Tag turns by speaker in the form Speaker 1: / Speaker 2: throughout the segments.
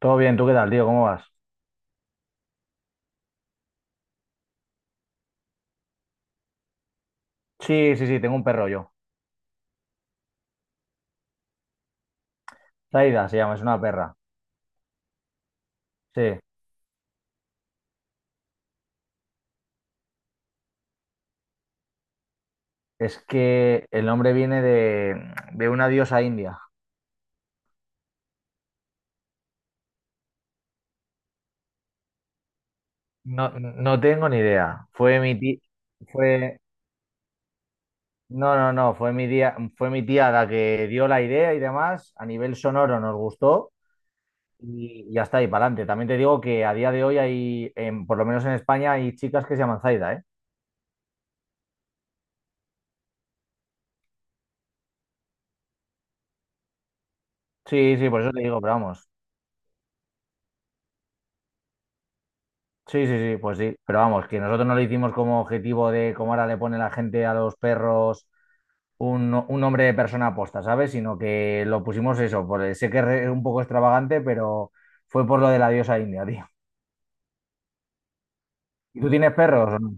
Speaker 1: Todo bien, ¿tú qué tal, tío? ¿Cómo vas? Sí, sí, sí, tengo un perro yo. Zaida se llama, es una perra. Sí, es que el nombre viene de una diosa india. No, no tengo ni idea. Fue mi tía, fue, No, no, no, fue mi tía la que dio la idea y demás. A nivel sonoro nos gustó y ya está, y para adelante. También te digo que a día de hoy por lo menos en España, hay chicas que se llaman Zaida, ¿eh? Sí, sí, por eso te digo, pero vamos. Sí, sí, sí, pues sí, pero vamos, que nosotros no lo hicimos como objetivo de como ahora le pone la gente a los perros un nombre de persona aposta, ¿sabes? Sino que lo pusimos eso, sé que es un poco extravagante, pero fue por lo de la diosa india, tío. ¿Y tú tienes perros o no?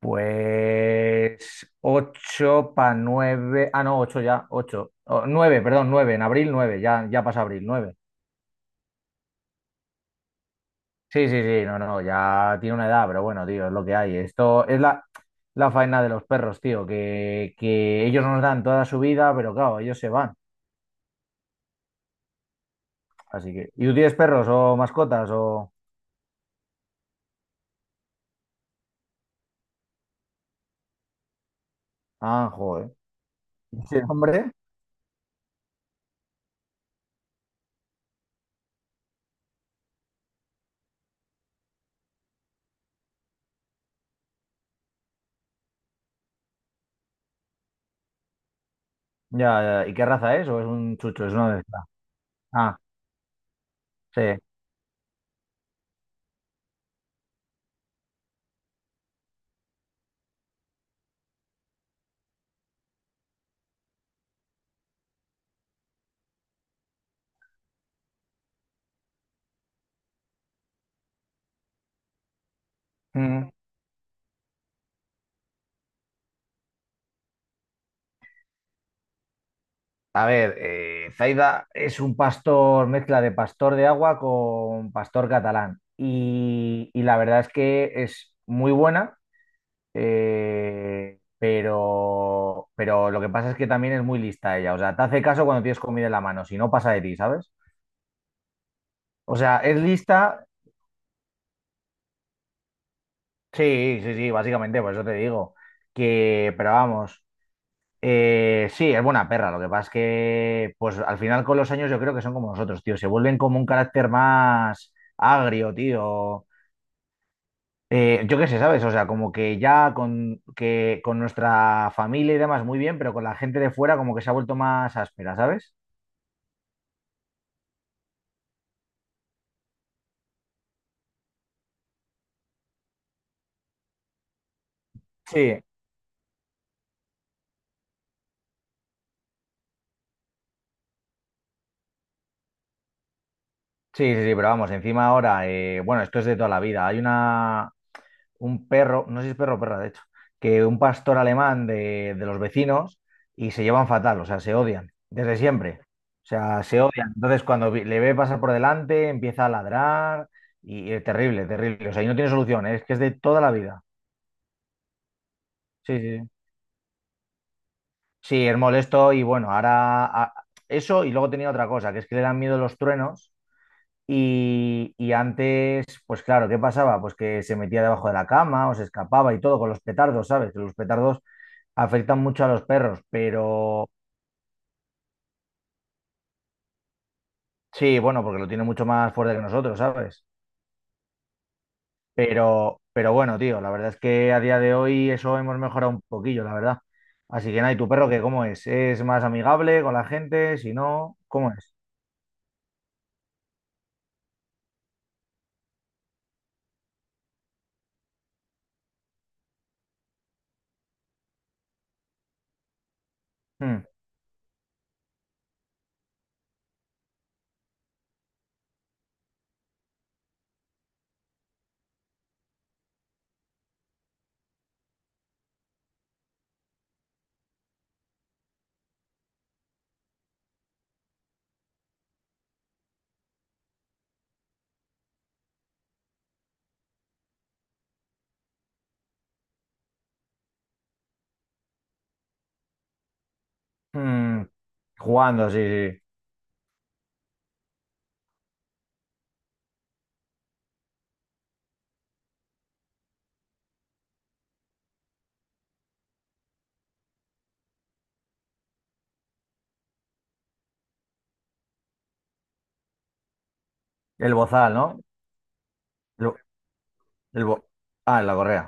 Speaker 1: Pues ocho para nueve, ah no, ocho ya, ocho, oh, nueve, perdón, nueve, en abril nueve, ya, ya pasa abril, nueve. Sí, sí, sí, no, no, ya tiene una edad, pero bueno, tío, es lo que hay. Esto es la faena de los perros, tío, que ellos nos dan toda su vida, pero claro, ellos se van. Así que, ¿y tú tienes perros o mascotas o? Ah, joder. Sí, hombre. Ya, ya, ¿y qué raza es? ¿O es un chucho? Es una mezcla. Ah, sí. Mm. A ver, Zaida es un pastor, mezcla de pastor de agua con pastor catalán. Y la verdad es que es muy buena. Pero lo que pasa es que también es muy lista ella. O sea, te hace caso cuando tienes comida en la mano, si no pasa de ti, ¿sabes? O sea, es lista, sí, sí, sí, básicamente, por eso te digo. Que, pero vamos, sí, es buena perra. Lo que pasa es que, pues al final con los años yo creo que son como nosotros, tío. Se vuelven como un carácter más agrio, tío. Yo qué sé, ¿sabes? O sea, como que ya con, que, con nuestra familia y demás muy bien, pero con la gente de fuera como que se ha vuelto más áspera, ¿sabes? Sí, sí, sí, sí, pero vamos, encima ahora, bueno, esto es de toda la vida. Hay un perro, no sé si es perro o perra, de hecho, que un pastor alemán de los vecinos y se llevan fatal, o sea, se odian desde siempre. O sea, se odian. Entonces, cuando le ve pasar por delante, empieza a ladrar y es terrible, terrible. O sea, y no tiene solución, ¿eh? Es que es de toda la vida. Sí, sí. Sí, sí, es molesto y bueno, ahora eso y luego tenía otra cosa, que es que le dan miedo los truenos. Y antes, pues claro, ¿qué pasaba? Pues que se metía debajo de la cama o se escapaba y todo con los petardos, ¿sabes? Que los petardos afectan mucho a los perros, pero sí, bueno, porque lo tiene mucho más fuerte que nosotros, ¿sabes? Pero bueno, tío, la verdad es que a día de hoy eso hemos mejorado un poquillo, la verdad. Así que nada, ¿y tu perro qué? ¿Cómo es? ¿Es más amigable con la gente? Si no, ¿cómo es? Mm, mm, jugando, sí, sí. El bozal, ¿no? El, el bo- Ah, en la correa.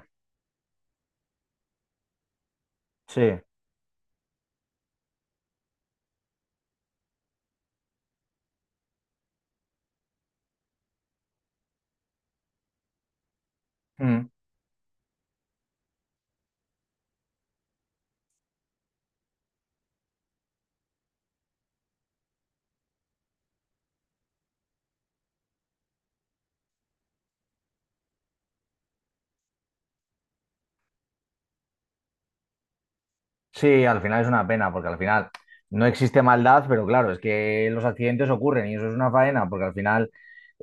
Speaker 1: Sí. Hmm. Sí, al final es una pena, porque al final no existe maldad, pero claro, es que los accidentes ocurren y eso es una faena, porque al final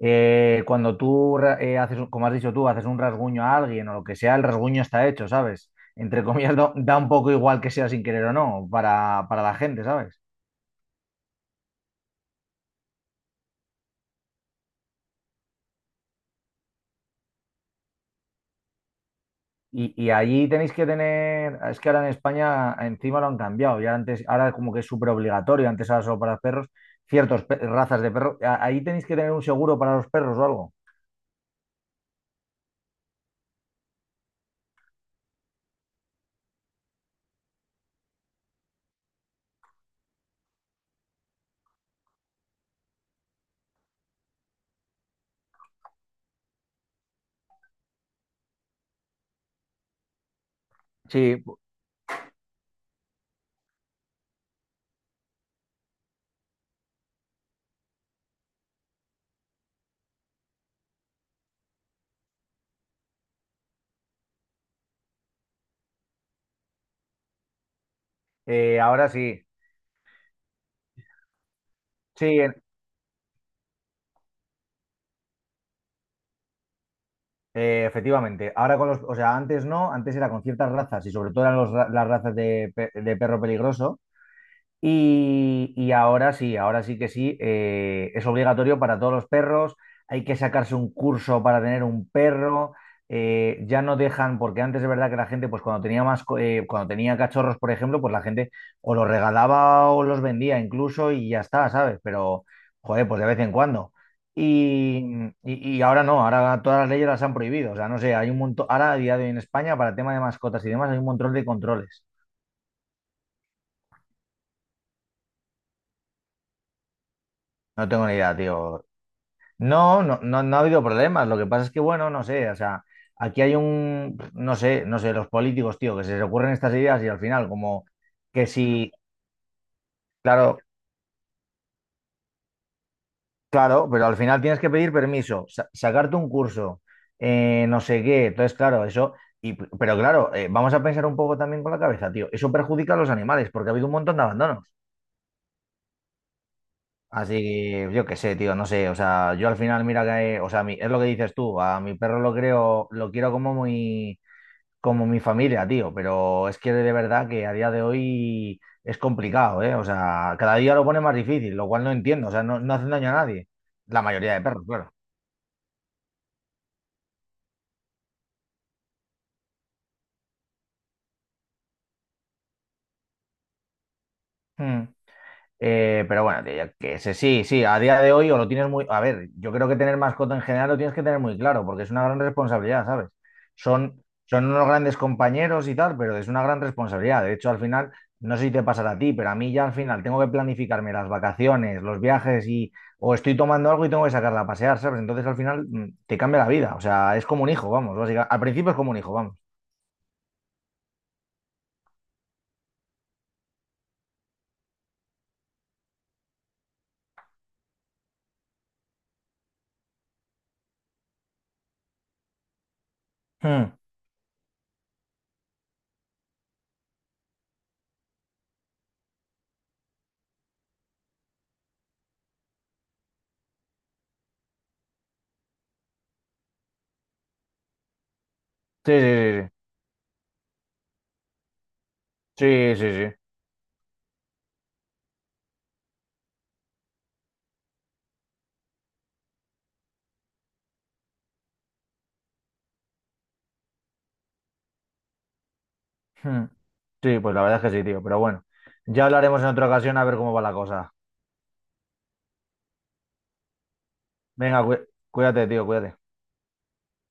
Speaker 1: cuando tú ra- haces, un- como has dicho tú, haces un rasguño a alguien o lo que sea, el rasguño está hecho, ¿sabes? Entre comillas, da un poco igual que sea sin querer o no para la gente, ¿sabes? Y allí tenéis que tener, es que ahora en España encima lo han cambiado, ya antes, ahora como que es súper obligatorio, antes era solo para los perros, ciertas razas de perros, ahí tenéis que tener un seguro para los perros o algo. Sí. Ahora sí, sí, efectivamente. Ahora con los, o sea, antes no, antes era con ciertas razas y sobre todo eran las razas de perro peligroso. Y ahora sí que sí, es obligatorio para todos los perros. Hay que sacarse un curso para tener un perro. Ya no dejan, porque antes es verdad que la gente, pues cuando tenía cachorros, por ejemplo, pues la gente o los regalaba o los vendía incluso y ya está, ¿sabes? Pero, joder, pues de vez en cuando. Y ahora no, ahora todas las leyes las han prohibido. O sea, no sé, hay un montón, ahora a día de hoy en España, para el tema de mascotas y demás, hay un montón de controles. No tengo ni idea, tío. No, no, no, no ha habido problemas. Lo que pasa es que, bueno, no sé, o sea, aquí hay un, no sé, no sé, los políticos, tío, que se les ocurren estas ideas y al final, como que si, claro, claro, pero al final tienes que pedir permiso, sacarte un curso, no sé qué. Entonces, claro, eso, y, pero claro, vamos a pensar un poco también con la cabeza, tío. Eso perjudica a los animales porque ha habido un montón de abandonos. Así que yo qué sé, tío, no sé, o sea, yo al final, mira que, o sea, es lo que dices tú, a mi perro lo creo, lo quiero como muy como mi familia, tío, pero es que de verdad que a día de hoy es complicado, ¿eh? O sea, cada día lo pone más difícil, lo cual no entiendo, o sea, no, no hacen daño a nadie. La mayoría de perros, claro. Mm. Pero bueno, tío, yo qué sé, sí, sí, a día de hoy o lo tienes muy. A ver, yo creo que tener mascota en general lo tienes que tener muy claro, porque es una gran responsabilidad, ¿sabes? Son unos grandes compañeros y tal, pero es una gran responsabilidad. De hecho, al final, no sé si te pasará a ti, pero a mí ya al final tengo que planificarme las vacaciones, los viajes y. O estoy tomando algo y tengo que sacarla a pasear, ¿sabes? Entonces al final te cambia la vida. O sea, es como un hijo, vamos, básicamente. Al principio es como un hijo, vamos. Mm, sí, sí, sí, sí. Sí, sí, sí. Hmm. Sí, pues la verdad es que sí, tío. Pero bueno, ya hablaremos en otra ocasión a ver cómo va la cosa. Venga, cuídate, tío, cuídate.